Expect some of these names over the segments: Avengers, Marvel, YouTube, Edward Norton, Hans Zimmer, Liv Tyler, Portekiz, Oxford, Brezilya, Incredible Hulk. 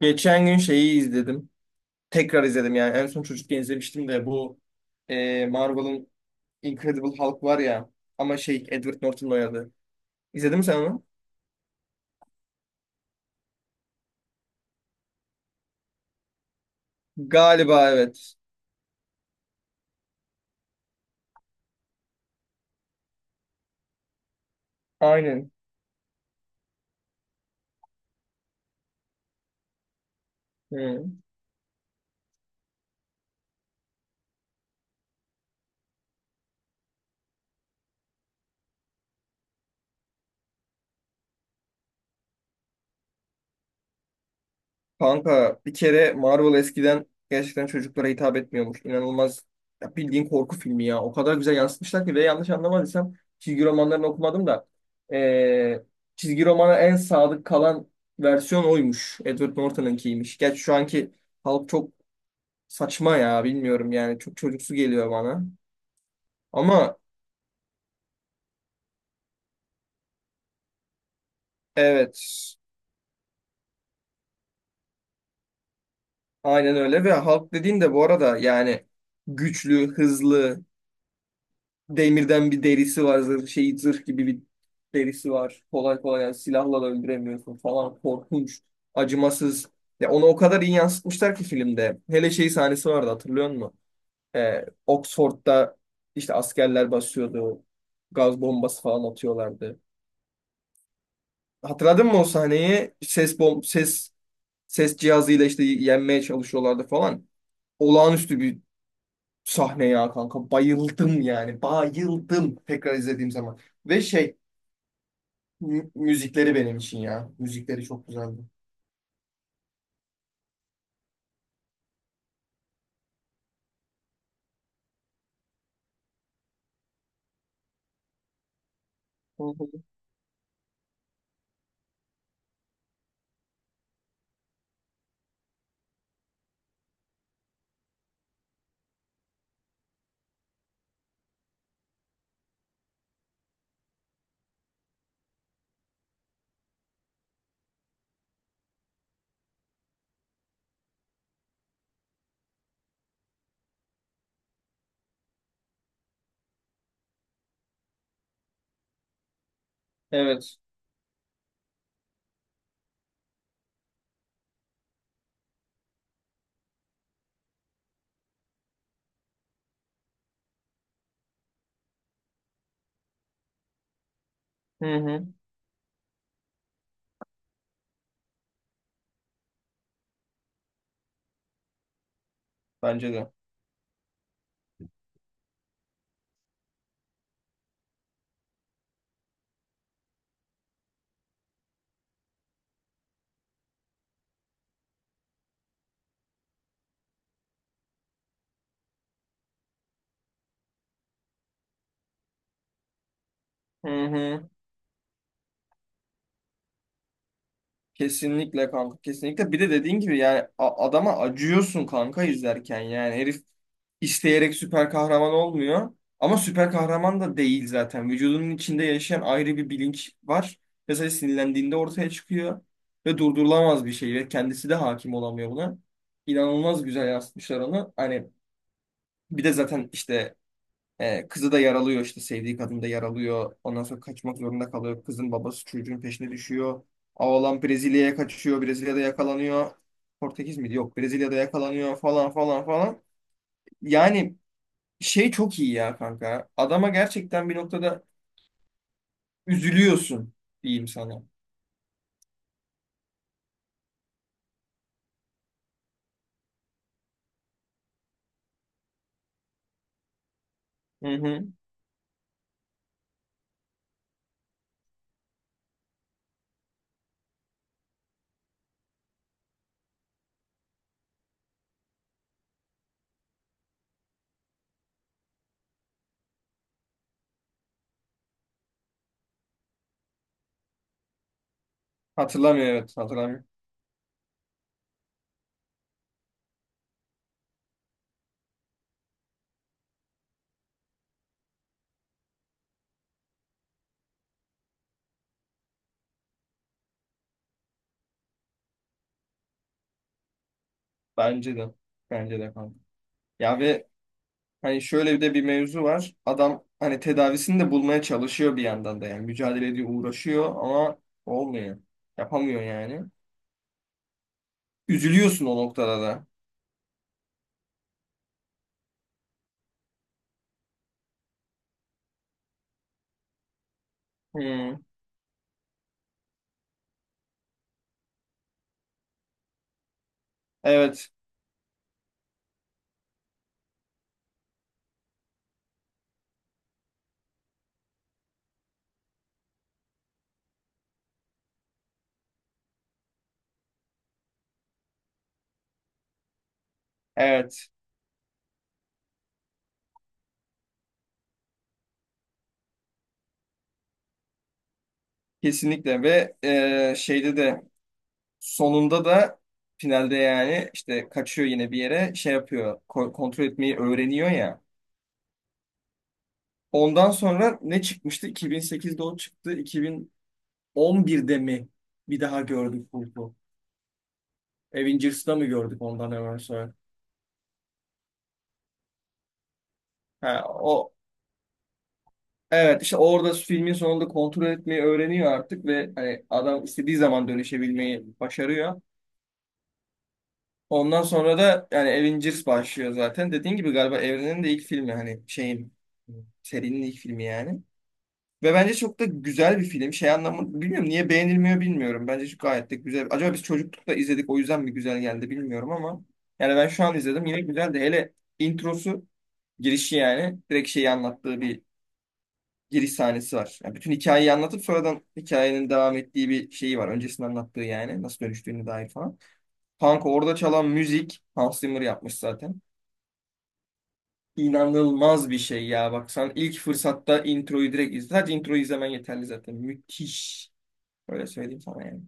Geçen gün şeyi izledim. Tekrar izledim yani. En son çocukken izlemiştim de bu Marvel'ın Incredible Hulk var ya. Ama şey Edward Norton oynadı. İzledin mi sen onu? Galiba evet. Aynen. Hı. Kanka bir kere Marvel eskiden gerçekten çocuklara hitap etmiyormuş. İnanılmaz ya, bildiğin korku filmi ya. O kadar güzel yansıtmışlar ki ve yanlış anlamadıysam çizgi romanlarını okumadım da ee, çizgi romana en sadık kalan versiyon oymuş. Edward Norton'ınkiymiş. Gerçi şu anki halk çok saçma ya, bilmiyorum yani, çok çocuksu geliyor bana. Ama evet, aynen öyle. Ve halk dediğin de bu arada yani güçlü, hızlı, demirden bir derisi var. Zırh, şey, zırh gibi bir derisi var. Kolay kolay yani silahla da öldüremiyorsun falan. Korkunç, acımasız. Ya onu o kadar iyi yansıtmışlar ki filmde. Hele şey sahnesi vardı, hatırlıyor musun? Oxford'da işte askerler basıyordu. Gaz bombası falan atıyorlardı. Hatırladın mı o sahneyi? Ses bom ses ses cihazıyla işte yenmeye çalışıyorlardı falan. Olağanüstü bir sahne ya kanka. Bayıldım yani. Bayıldım tekrar izlediğim zaman. Ve şey, müzikleri benim için ya. Müzikleri çok güzeldi. Hı hı. Evet. Hı hı. Bence de. Hı hı. Kesinlikle kanka, kesinlikle. Bir de dediğin gibi yani adama acıyorsun kanka izlerken. Yani herif isteyerek süper kahraman olmuyor. Ama süper kahraman da değil zaten. Vücudunun içinde yaşayan ayrı bir bilinç var. Mesela sinirlendiğinde ortaya çıkıyor ve durdurulamaz bir şey ve kendisi de hakim olamıyor buna. İnanılmaz güzel yansıtmışlar onu. Hani bir de zaten işte kızı da yaralıyor, işte sevdiği kadın da yaralıyor. Ondan sonra kaçmak zorunda kalıyor. Kızın babası çocuğun peşine düşüyor. Oğlan Brezilya'ya kaçıyor. Brezilya'da yakalanıyor. Portekiz miydi? Yok. Brezilya'da yakalanıyor falan falan falan. Yani şey çok iyi ya kanka. Adama gerçekten bir noktada üzülüyorsun diyeyim sana. Hı hı. Hatırlamıyor, evet hatırlamıyor. Bence de. Bence de kanka. Ya ve hani şöyle bir de bir mevzu var. Adam hani tedavisini de bulmaya çalışıyor bir yandan da yani. Mücadele ediyor, uğraşıyor ama olmuyor. Yapamıyor yani. Üzülüyorsun o noktada da. Hmm. Evet, evet. Kesinlikle. Ve şeyde de sonunda da finalde yani işte kaçıyor yine bir yere, şey yapıyor, kontrol etmeyi öğreniyor ya. Ondan sonra ne çıkmıştı? 2008'de o çıktı. 2011'de mi bir daha gördük Hulk'u? Avengers'da mı gördük ondan hemen sonra? Ha, o evet, işte orada filmin sonunda kontrol etmeyi öğreniyor artık ve hani adam istediği zaman dönüşebilmeyi başarıyor. Ondan sonra da yani Avengers başlıyor zaten. Dediğin gibi galiba evrenin de ilk filmi, hani şeyin, serinin ilk filmi yani. Ve bence çok da güzel bir film. Şey, anlamı bilmiyorum, niye beğenilmiyor bilmiyorum. Bence şu gayet de güzel. Acaba biz çocuklukta izledik o yüzden mi güzel geldi bilmiyorum, ama yani ben şu an izledim, yine güzeldi. Hele introsu, girişi yani, direkt şeyi anlattığı bir giriş sahnesi var. Yani bütün hikayeyi anlatıp sonradan hikayenin devam ettiği bir şeyi var. Öncesinde anlattığı yani nasıl dönüştüğüne dair falan. Punk orada çalan müzik Hans Zimmer yapmış zaten. İnanılmaz bir şey ya. Bak sen ilk fırsatta introyu direkt izle. Sadece introyu izlemen yeterli zaten. Müthiş. Öyle söyleyeyim sana yani.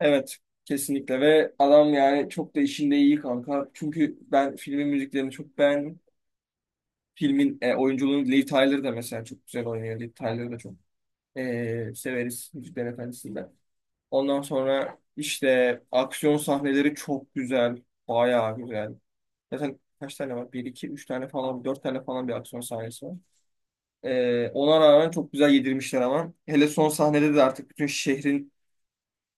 Evet. Kesinlikle. Ve adam yani çok da işinde iyi kanka. Çünkü ben filmin müziklerini çok beğendim. Filmin oyunculuğunu Liv Tyler da mesela çok güzel oynuyor. Liv Tyler'ı da çok severiz Müzikler Efendisi'nde. Ondan sonra işte aksiyon sahneleri çok güzel. Bayağı güzel. Zaten kaç tane var? Bir, iki, üç tane falan, dört tane falan bir aksiyon sahnesi var. Ona rağmen çok güzel yedirmişler ama. Hele son sahnede de artık bütün şehrin,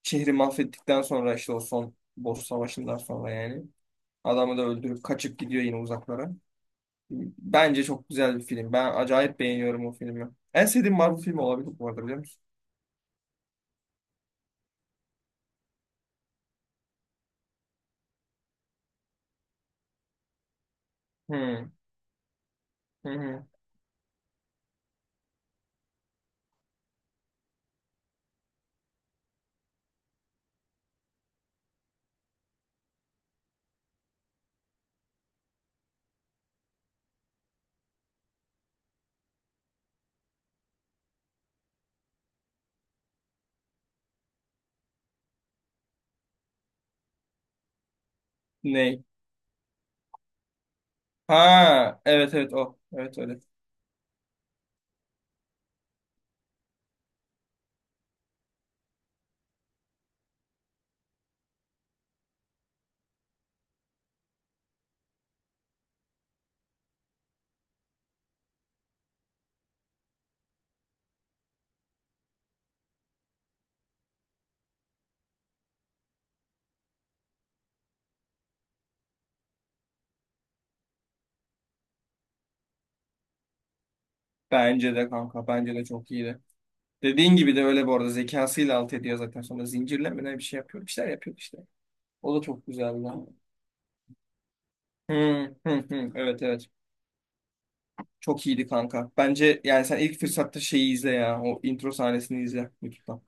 şehri mahvettikten sonra işte, o son boss savaşından sonra yani. Adamı da öldürüp kaçıp gidiyor yine uzaklara. Bence çok güzel bir film. Ben acayip beğeniyorum o filmi. En sevdiğim Marvel filmi olabilir bu arada, biliyor musun? Hmm. Hı hı. Ney? Ha, evet evet, o. Evet öyle. Bence de kanka, bence de çok iyiydi. Dediğin gibi de öyle bu arada, zekasıyla alt ediyor zaten, sonra zincirlemeden bir şey yapıyor. Bir şeyler yapıyor işte. O da çok güzeldi. Hı, hı, hı. Evet evet. Çok iyiydi kanka. Bence yani sen ilk fırsatta şeyi izle ya. O intro sahnesini izle YouTube'dan.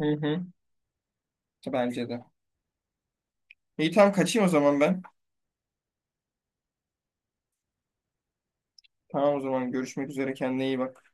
Hı hı. Bence de. İyi, tamam, kaçayım o zaman ben. Tamam, o zaman görüşmek üzere, kendine iyi bak.